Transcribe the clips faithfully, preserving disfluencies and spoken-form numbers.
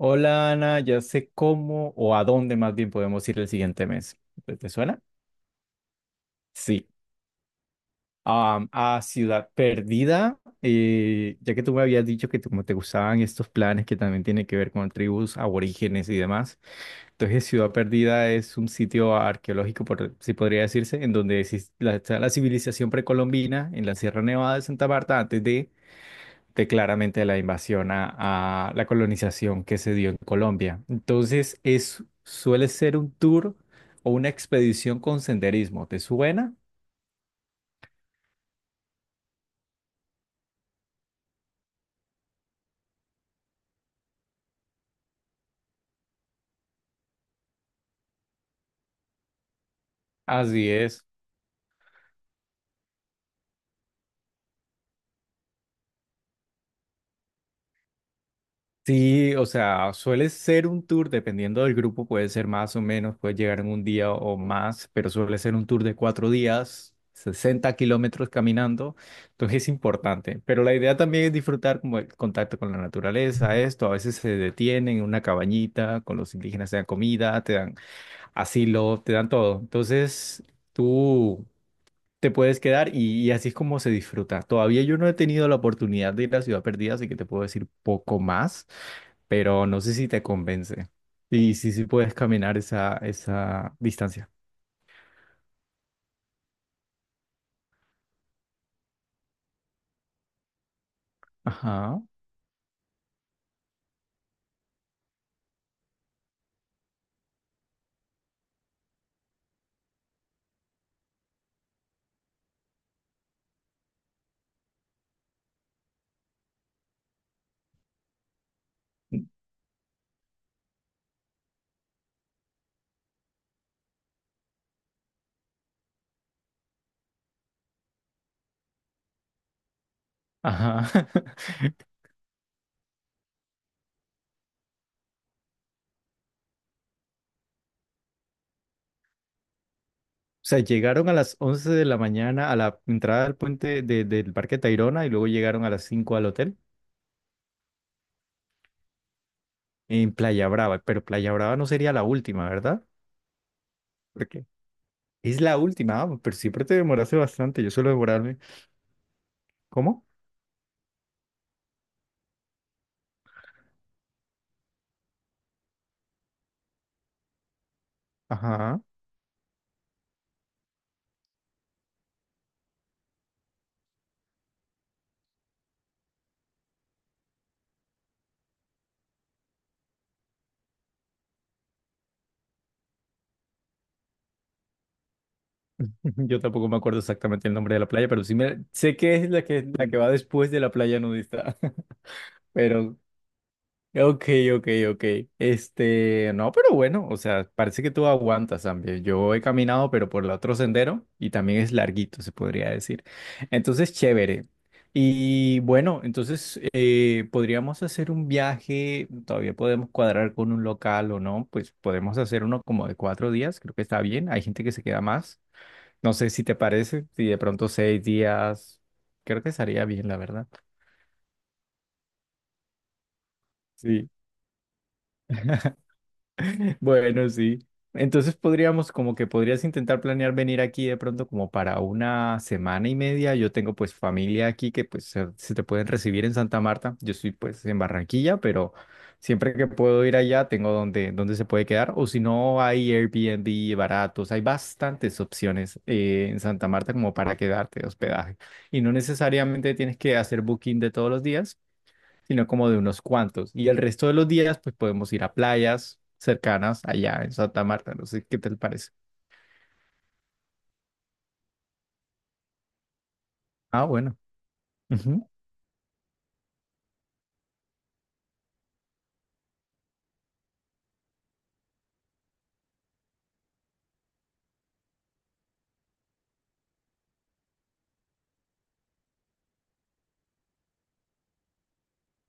Hola Ana, ya sé cómo o a dónde más bien podemos ir el siguiente mes. ¿Te te suena? Sí. Am, a Ciudad Perdida, eh, ya que tú me habías dicho que tú- como te gustaban estos planes que también tienen que ver con tribus aborígenes y demás. Entonces Ciudad Perdida es un sitio arqueológico, por, si podría decirse, en donde exis- la- está la civilización precolombina en la Sierra Nevada de Santa Marta antes de de claramente la invasión a, a la colonización que se dio en Colombia. Entonces, es, suele ser un tour o una expedición con senderismo. ¿Te suena? Así es. Sí, o sea, suele ser un tour, dependiendo del grupo, puede ser más o menos, puede llegar en un día o más, pero suele ser un tour de cuatro días, sesenta kilómetros caminando, entonces es importante. Pero la idea también es disfrutar como el contacto con la naturaleza, esto, a veces se detienen en una cabañita, con los indígenas te dan comida, te dan asilo, te dan todo. Entonces, tú te puedes quedar y, y así es como se disfruta. Todavía yo no he tenido la oportunidad de ir a Ciudad Perdida, así que te puedo decir poco más, pero no sé si te convence. Y sí, sí puedes caminar esa, esa distancia. Ajá, ajá. O sea, llegaron a las once de la mañana a la entrada del puente de- del Parque Tayrona y luego llegaron a las cinco al hotel en Playa Brava, pero Playa Brava no sería la última, ¿verdad? Porque es la última, ah, pero siempre te demoraste bastante, yo suelo demorarme. ¿Cómo? Ajá. Yo tampoco me acuerdo exactamente el nombre de la playa, pero sí me, sé que es la que, la que va después de la playa nudista. Pero, ok, ok, ok. Este, no, pero bueno, o sea, parece que tú aguantas, también. Yo he caminado, pero por el otro sendero y también es larguito, se podría decir. Entonces, chévere. Y bueno, entonces eh, podríamos hacer un viaje, todavía podemos cuadrar con un local o no, pues podemos hacer uno como de cuatro días, creo que está bien, hay gente que se queda más. No sé si te parece, si de pronto seis días, creo que estaría bien, la verdad. Sí. Bueno, sí. Entonces podríamos, como que podrías intentar planear venir aquí de pronto como para una semana y media. Yo tengo pues familia aquí que pues se, se te pueden recibir en Santa Marta. Yo estoy pues en Barranquilla, pero siempre que puedo ir allá tengo donde, donde se puede quedar. O si no, hay Airbnb baratos. Hay bastantes opciones eh, en Santa Marta como para quedarte de hospedaje. Y no necesariamente tienes que hacer booking de todos los días, sino como de unos cuantos. Y el resto de los días, pues podemos ir a playas cercanas allá en Santa Marta. No sé qué te parece. Ah, bueno. Ujú.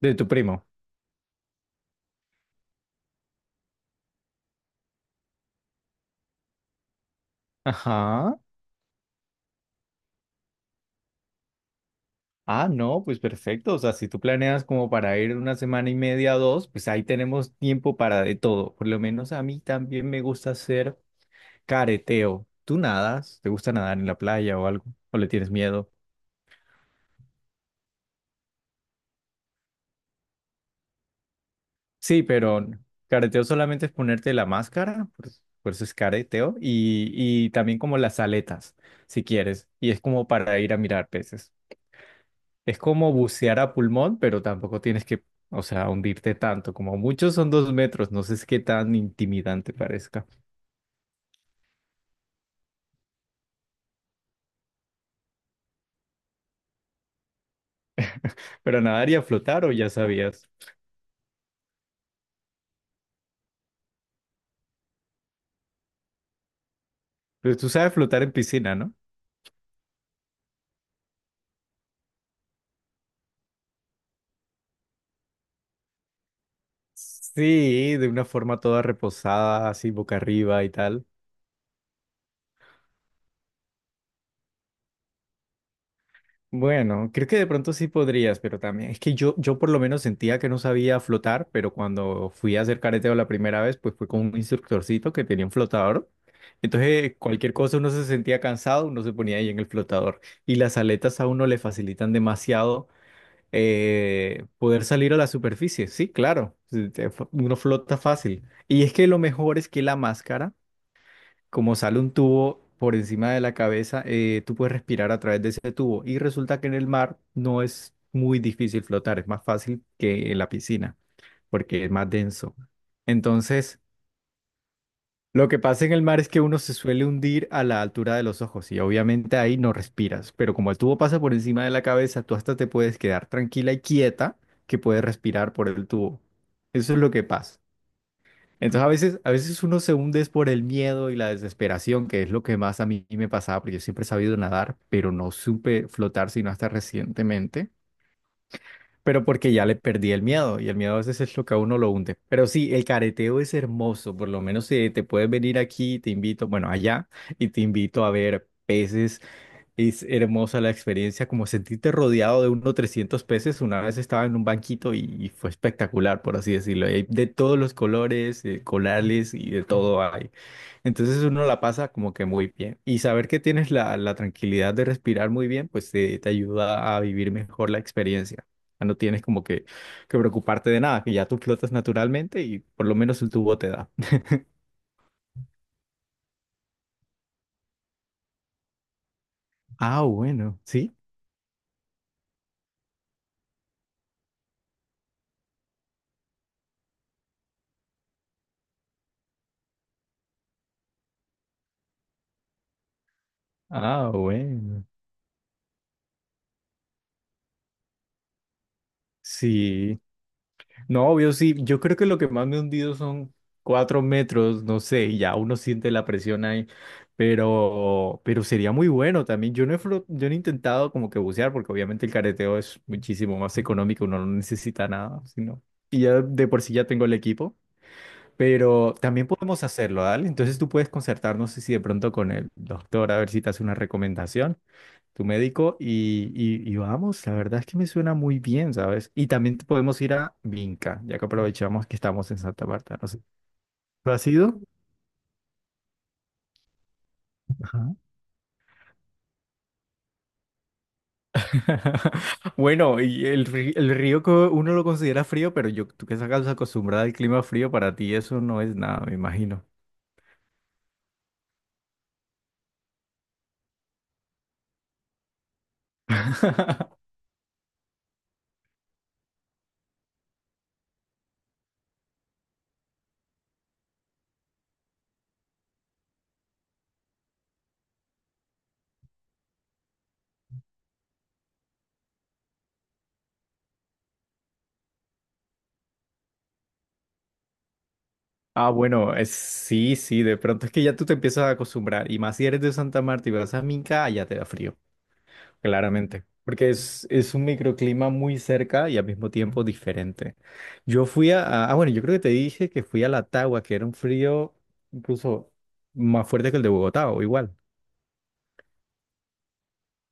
De tu primo. Ajá. Ah, no, pues perfecto. O sea, si tú planeas como para ir una semana y media, o dos, pues ahí tenemos tiempo para de todo. Por lo menos a mí también me gusta hacer careteo. ¿Tú nadas? ¿Te gusta nadar en la playa o algo? ¿O le tienes miedo? Sí, pero careteo solamente es ponerte la máscara, por, por eso es careteo, y, y también como las aletas, si quieres, y es como para ir a mirar peces. Es como bucear a pulmón, pero tampoco tienes que, o sea, hundirte tanto, como muchos son dos metros, no sé es qué tan intimidante parezca. Pero nadar y a flotar, o ya sabías. Pero tú sabes flotar en piscina, ¿no? Sí, de una forma toda reposada, así boca arriba y tal. Bueno, creo que de pronto sí podrías, pero también es que yo, yo por lo menos sentía que no sabía flotar, pero cuando fui a hacer careteo la primera vez, pues fue con un instructorcito que tenía un flotador. Entonces, cualquier cosa uno se sentía cansado, uno se ponía ahí en el flotador. Y las aletas a uno le facilitan demasiado eh, poder salir a la superficie. Sí, claro, se- te- uno flota fácil. Y es que lo mejor es que la máscara como sale un tubo por encima de la cabeza, eh, tú puedes respirar a través de ese tubo. Y resulta que en el mar no es muy difícil flotar, es más fácil que en la piscina, porque es más denso. Entonces, lo que pasa en el mar es que uno se suele hundir a la altura de los ojos y obviamente ahí no respiras, pero como el tubo pasa por encima de la cabeza, tú hasta te puedes quedar tranquila y quieta que puedes respirar por el tubo. Eso es lo que pasa. Entonces a veces, a veces uno se hunde es por el miedo y la desesperación, que es lo que más a mí me pasaba, porque yo siempre he sabido nadar, pero no supe flotar sino hasta recientemente, pero porque ya le perdí el miedo y el miedo a veces es lo que a uno lo hunde. Pero sí, el careteo es hermoso, por lo menos eh, te puedes venir aquí, te invito, bueno, allá, y te invito a ver peces. Es hermosa la experiencia, como sentirte rodeado de unos trescientos peces. Una vez estaba en un banquito y, y fue espectacular, por así decirlo. y Hay de todos los colores, eh, colales y de todo hay. Entonces uno la pasa como que muy bien. Y saber que tienes la, la tranquilidad de respirar muy bien, pues te, te ayuda a vivir mejor la experiencia. Ya no tienes como que, que preocuparte de nada, que ya tú flotas naturalmente y por lo menos el tubo te da. Ah, bueno, sí. Ah, bueno. Sí. No, obvio, sí. Yo creo que lo que más me he hundido son cuatro metros, no sé, y ya uno siente la presión ahí. Pero, pero sería muy bueno también. Yo no he, flo- yo no he intentado como que bucear, porque obviamente el careteo es muchísimo más económico, uno no necesita nada, sino. Y ya de por sí ya tengo el equipo. Pero también podemos hacerlo, ¿dale? Entonces tú puedes concertar, no sé si de pronto con el doctor, a ver si te hace una recomendación tu médico y, y, y vamos, la verdad es que me suena muy bien, ¿sabes? Y también te podemos ir a Vinca, ya que aprovechamos que estamos en Santa Marta, no sé. ¿Tú has ido? Ajá. Bueno, y el, ri- el río que uno lo considera frío, pero yo, tú que estás acostumbrada al clima frío, para ti eso no es nada, me imagino. Ah, bueno, es, sí, sí, de pronto es que ya tú te empiezas a acostumbrar, y más si eres de Santa Marta y vas a Minca, allá te da frío. Claramente, porque es, es un microclima muy cerca y al mismo tiempo diferente. Yo fui a, a- ah, bueno, yo creo que te dije que fui a la Tagua, que era un frío incluso más fuerte que el de Bogotá, o igual.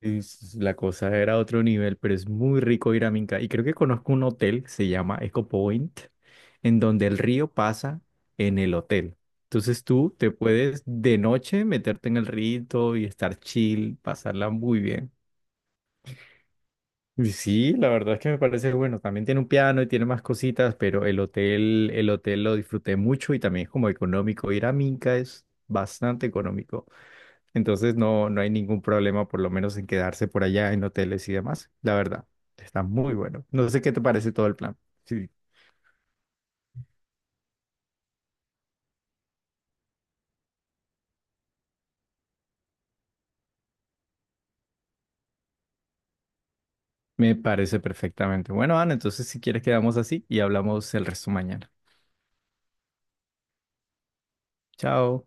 Y s- la cosa era a otro nivel, pero es muy rico ir a Minca. Y creo que conozco un hotel que se llama Eco Point, en donde el río pasa en el hotel. Entonces tú te puedes de noche meterte en el rito y estar chill, pasarla muy bien. Y sí, la verdad es que me parece bueno. También tiene un piano y tiene más cositas, pero el hotel, el hotel lo disfruté mucho y también es como económico. Ir a Minca es bastante económico. Entonces no, no hay ningún problema, por lo menos en quedarse por allá en hoteles y demás. La verdad, está muy bueno. No sé qué te parece todo el plan. Sí, me parece perfectamente. Bueno, Ana, entonces si quieres quedamos así y hablamos el resto mañana. Chao.